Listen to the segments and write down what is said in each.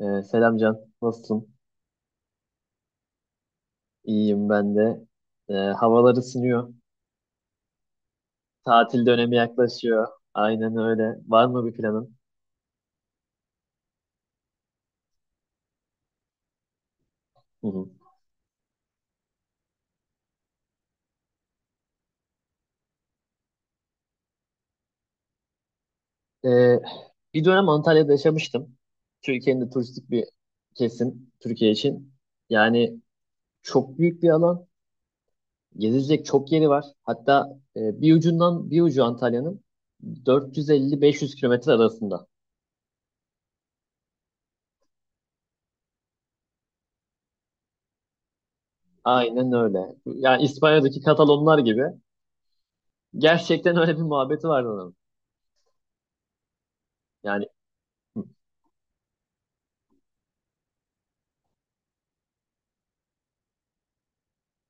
Selam Can, nasılsın? İyiyim ben de. Havalar ısınıyor. Tatil dönemi yaklaşıyor. Aynen öyle. Var mı bir planın? Hı hı. Ee, Bir dönem Antalya'da yaşamıştım. Türkiye'nin de turistik bir kesim Türkiye için. Yani çok büyük bir alan. Gezilecek çok yeri var. Hatta bir ucundan bir ucu Antalya'nın 450-500 kilometre arasında. Aynen öyle. Yani İspanya'daki Katalonlar gibi. Gerçekten öyle bir muhabbeti vardı onun.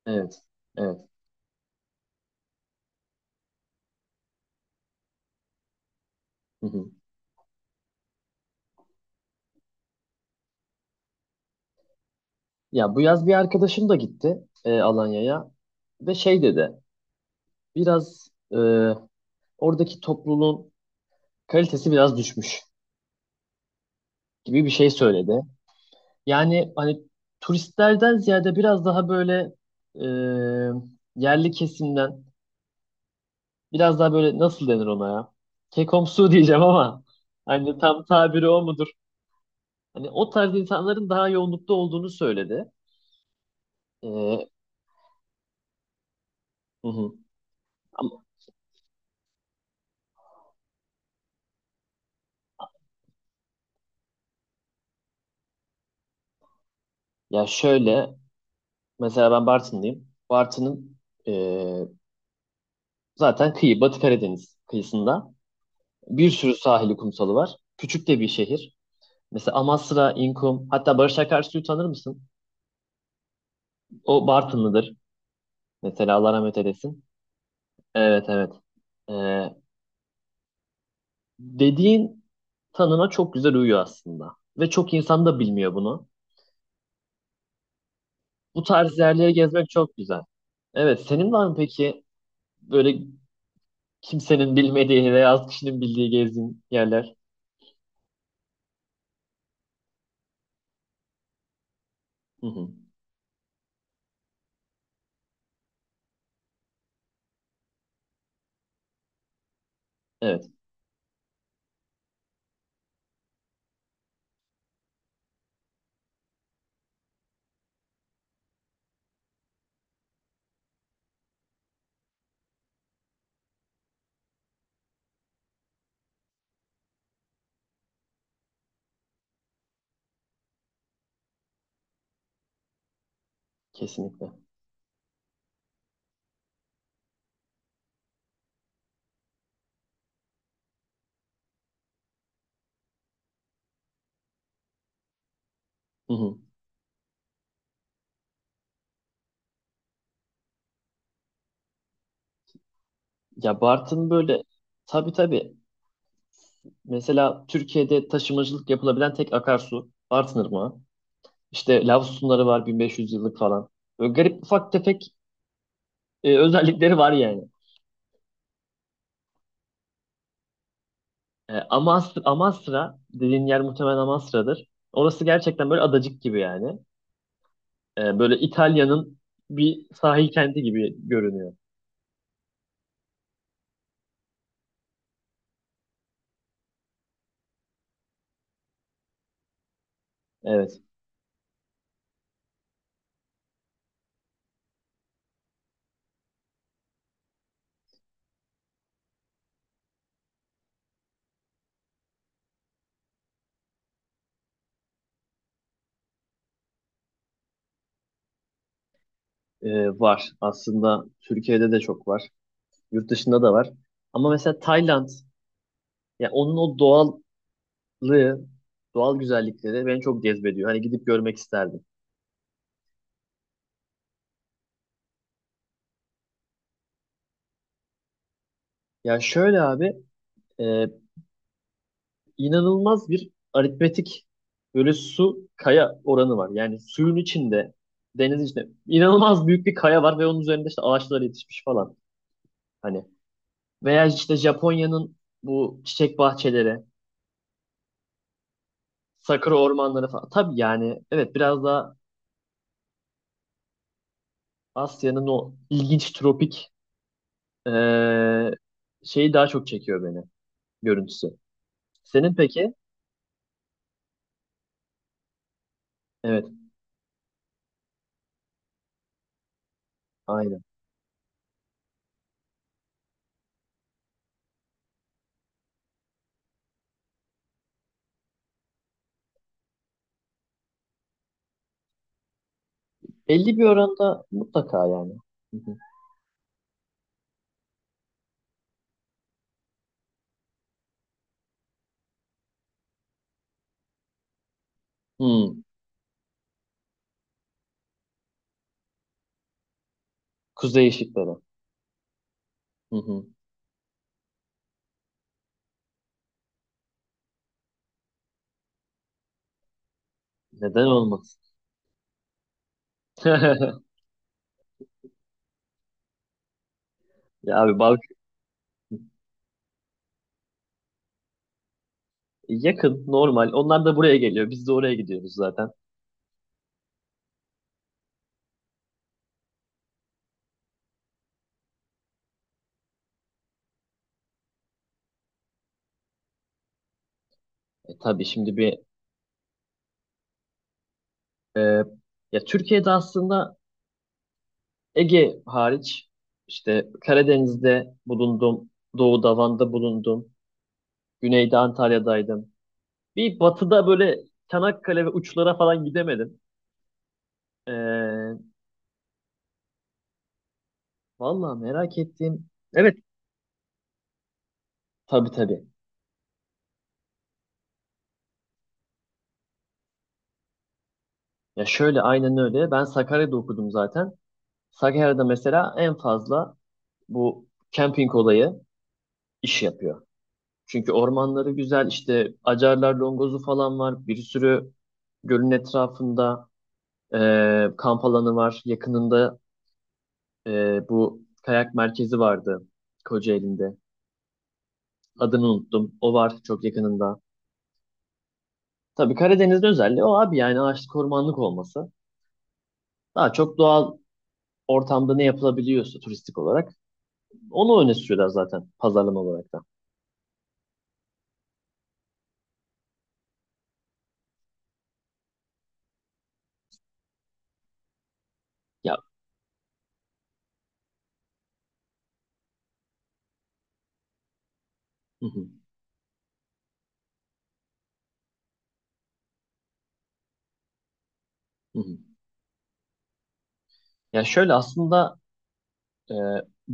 Evet, evet. Hı hı. Ya bu yaz bir arkadaşım da gitti Alanya'ya ve şey dedi, biraz oradaki topluluğun kalitesi biraz düşmüş gibi bir şey söyledi. Yani hani turistlerden ziyade biraz daha böyle e, yerli kesimden, biraz daha böyle nasıl denir ona ya? Kekomsu diyeceğim ama hani tam tabiri o mudur? Hani o tarz insanların daha yoğunlukta olduğunu söyledi. Hı hı. Ama- Ya şöyle. Mesela ben Bartın'dayım. Bartın'ın eee, zaten kıyı, Batı Karadeniz kıyısında bir sürü sahili kumsalı var. Küçük de bir şehir. Mesela Amasra, İnkum, hatta Barış Akarsu'yu tanır mısın? O Bartınlıdır. Mesela Allah rahmet eylesin. Evet, evet. Eee, Dediğin tanıma çok güzel uyuyor aslında. Ve çok insan da bilmiyor bunu. Bu tarz yerleri gezmek çok güzel. Evet, senin var mı peki böyle kimsenin bilmediği veya az kişinin bildiği gezdiğin yerler? Hı hı. Evet. Kesinlikle. Hı hı. Ya Bartın böyle tabii tabii. Mesela Türkiye'de taşımacılık yapılabilen tek akarsu Bartın Irmağı. İşte lav sütunları var 1500 yıllık falan. Böyle garip ufak tefek özellikleri var yani. Amasra, Amasra dediğin yer muhtemelen Amasra'dır. Orası gerçekten böyle adacık gibi yani. Böyle İtalya'nın bir sahil kenti gibi görünüyor. Evet, var. Aslında Türkiye'de de çok var. Yurt dışında da var. Ama mesela Tayland, ya onun o doğal doğallığı, doğal güzellikleri beni çok cezbediyor. Hani gidip görmek isterdim. Ya şöyle abi, e, inanılmaz bir aritmetik böyle su kaya oranı var. Yani suyun içinde, denizin içinde inanılmaz büyük bir kaya var ve onun üzerinde işte ağaçlar yetişmiş falan. Hani veya işte Japonya'nın bu çiçek bahçeleri, sakura ormanları falan. Tabii yani evet biraz daha Asya'nın o ilginç tropik e, şeyi daha çok çekiyor beni görüntüsü. Senin peki? Evet. Aynen. Belli bir oranda mutlaka yani. Hı hı. Hmm, kuzey ışıkları. Hı hı. Neden olmasın? Ya abi bak yakın normal. Onlar da buraya geliyor. Biz de oraya gidiyoruz zaten. Tabii şimdi bir e, ya Türkiye'de aslında Ege hariç işte Karadeniz'de bulundum. Doğu'da Van'da bulundum. Güneyde Antalya'daydım. Bir batıda böyle Çanakkale ve uçlara falan gidemedim. E, Vallahi merak ettiğim. Evet tabii tabii. Ya şöyle aynen öyle. Ben Sakarya'da okudum zaten. Sakarya'da mesela en fazla bu camping olayı iş yapıyor. Çünkü ormanları güzel işte Acarlar Longozu falan var. Bir sürü gölün etrafında kamp alanı var. Yakınında bu kayak merkezi vardı Kocaeli'nde. Adını unuttum. O var çok yakınında. Tabii Karadeniz'in özelliği o abi yani ağaçlık ormanlık olması. Daha çok doğal ortamda ne yapılabiliyorsa turistik olarak onu öne sürüyorlar zaten pazarlama olarak da. Ya, hı hı, hı hı. Ya şöyle aslında e,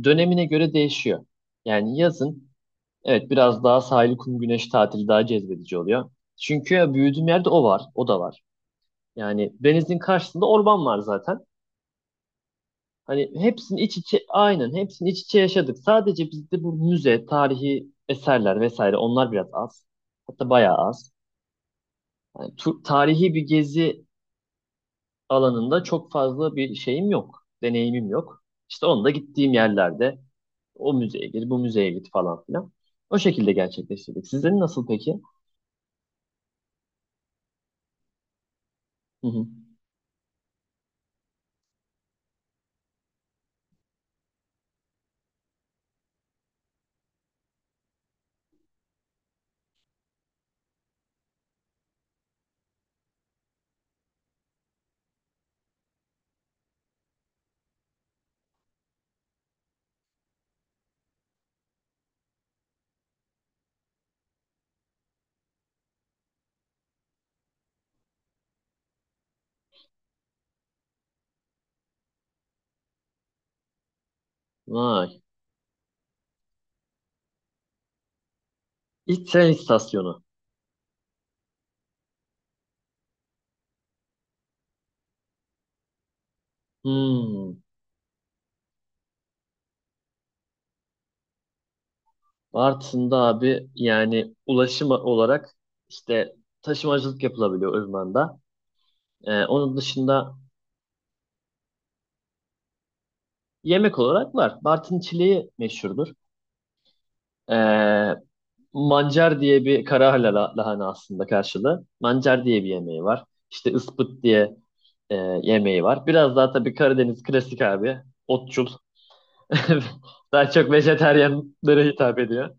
dönemine göre değişiyor. Yani yazın evet biraz daha sahil, kum, güneş tatili daha cezbedici oluyor. Çünkü ya büyüdüğüm yerde o var, o da var. Yani denizin karşısında orman var zaten. Hani hepsini iç içe, aynen hepsini iç içe yaşadık. Sadece bizde bu müze, tarihi eserler vesaire onlar biraz az. Hatta bayağı az. Yani tarihi bir gezi alanında çok fazla bir şeyim yok. Deneyimim yok. İşte onda gittiğim yerlerde o müzeye gir, bu müzeye git falan filan. O şekilde gerçekleştirdik. Sizin nasıl peki? Hı hı. Vay. İlk tren istasyonu. Hmm. Bartın'da abi yani ulaşım olarak işte taşımacılık yapılabiliyor Irman'da. Onun dışında yemek olarak var. Bartın çileği meşhurdur. Ee, Mancar diye bir kara lahana aslında karşılığı. Mancar diye bir yemeği var. İşte ıspıt diye e, yemeği var. Biraz daha tabii Karadeniz klasik abi. Otçul. Daha çok vejetaryenlere hitap ediyor.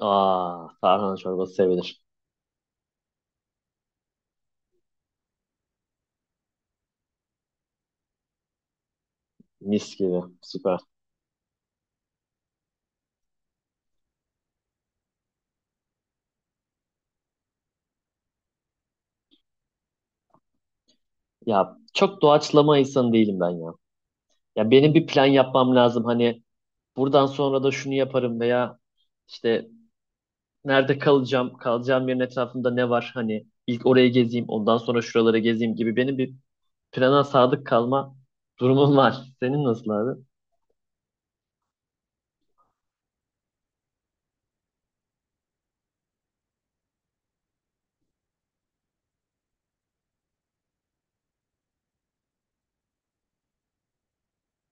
Aa, tarhana çorbası sevilir. Mis gibi. Süper. Ya çok doğaçlama insanı değilim ben ya. Ya benim bir plan yapmam lazım. Hani buradan sonra da şunu yaparım veya işte nerede kalacağım, kalacağım yerin etrafında ne var hani ilk orayı gezeyim, ondan sonra şuraları gezeyim gibi benim bir plana sadık kalma durumum var. Senin nasıl abi?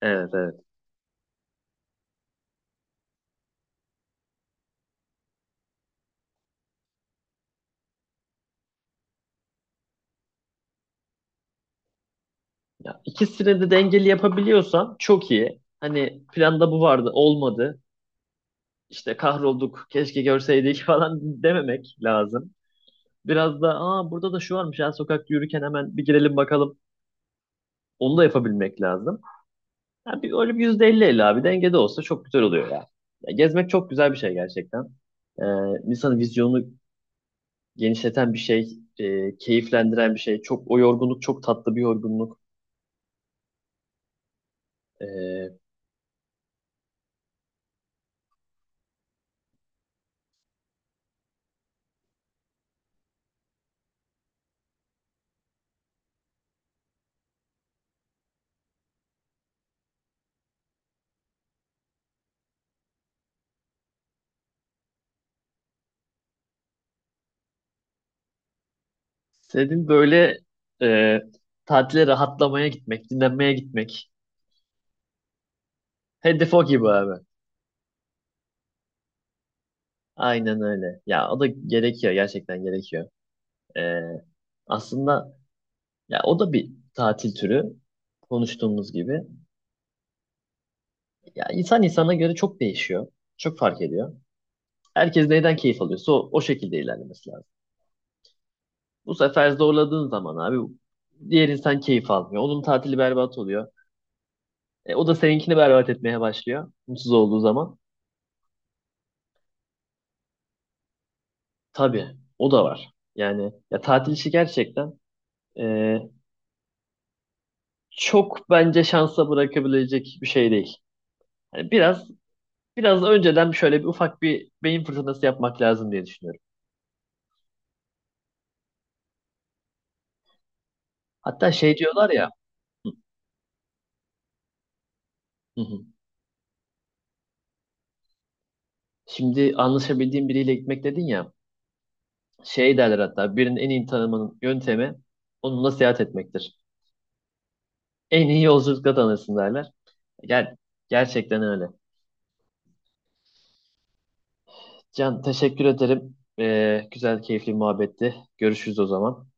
Evet evet. Ya, ikisini de dengeli yapabiliyorsan çok iyi. Hani planda bu vardı, olmadı. İşte kahrolduk, keşke görseydik falan dememek lazım. Biraz da aa burada da şu varmış ya sokakta yürürken hemen bir girelim bakalım. Onu da yapabilmek lazım. Ha, bir, öyle bir yüzde elli 50 abi dengede olsa çok güzel oluyor ya. Ya gezmek çok güzel bir şey gerçekten. Ee, insanın vizyonunu genişleten bir şey, keyiflendiren bir şey. Çok o yorgunluk çok tatlı bir yorgunluk. Ee, Senin böyle e, tatile rahatlamaya gitmek, dinlenmeye gitmek. Hedef o gibi abi. Aynen öyle. Ya o da gerekiyor gerçekten gerekiyor. Ee, Aslında ya o da bir tatil türü konuştuğumuz gibi. Ya insan insana göre çok değişiyor. Çok fark ediyor. Herkes neyden keyif alıyorsa o şekilde ilerlemesi lazım. Bu sefer zorladığın zaman abi diğer insan keyif almıyor. Onun tatili berbat oluyor. O da seninkini berbat etmeye başlıyor. Mutsuz olduğu zaman. Tabii o da var. Yani ya tatil işi gerçekten e, çok bence şansa bırakabilecek bir şey değil. Yani biraz önceden şöyle bir ufak bir beyin fırtınası yapmak lazım diye düşünüyorum. Hatta şey diyorlar ya. Hı hı. Şimdi anlaşabildiğin biriyle gitmek dedin ya, şey derler hatta birinin en iyi tanımanın yöntemi onunla seyahat etmektir. En iyi yolculukla tanırsın derler. Gel, gerçekten öyle. Can teşekkür ederim. Güzel, keyifli bir muhabbetti. Görüşürüz o zaman.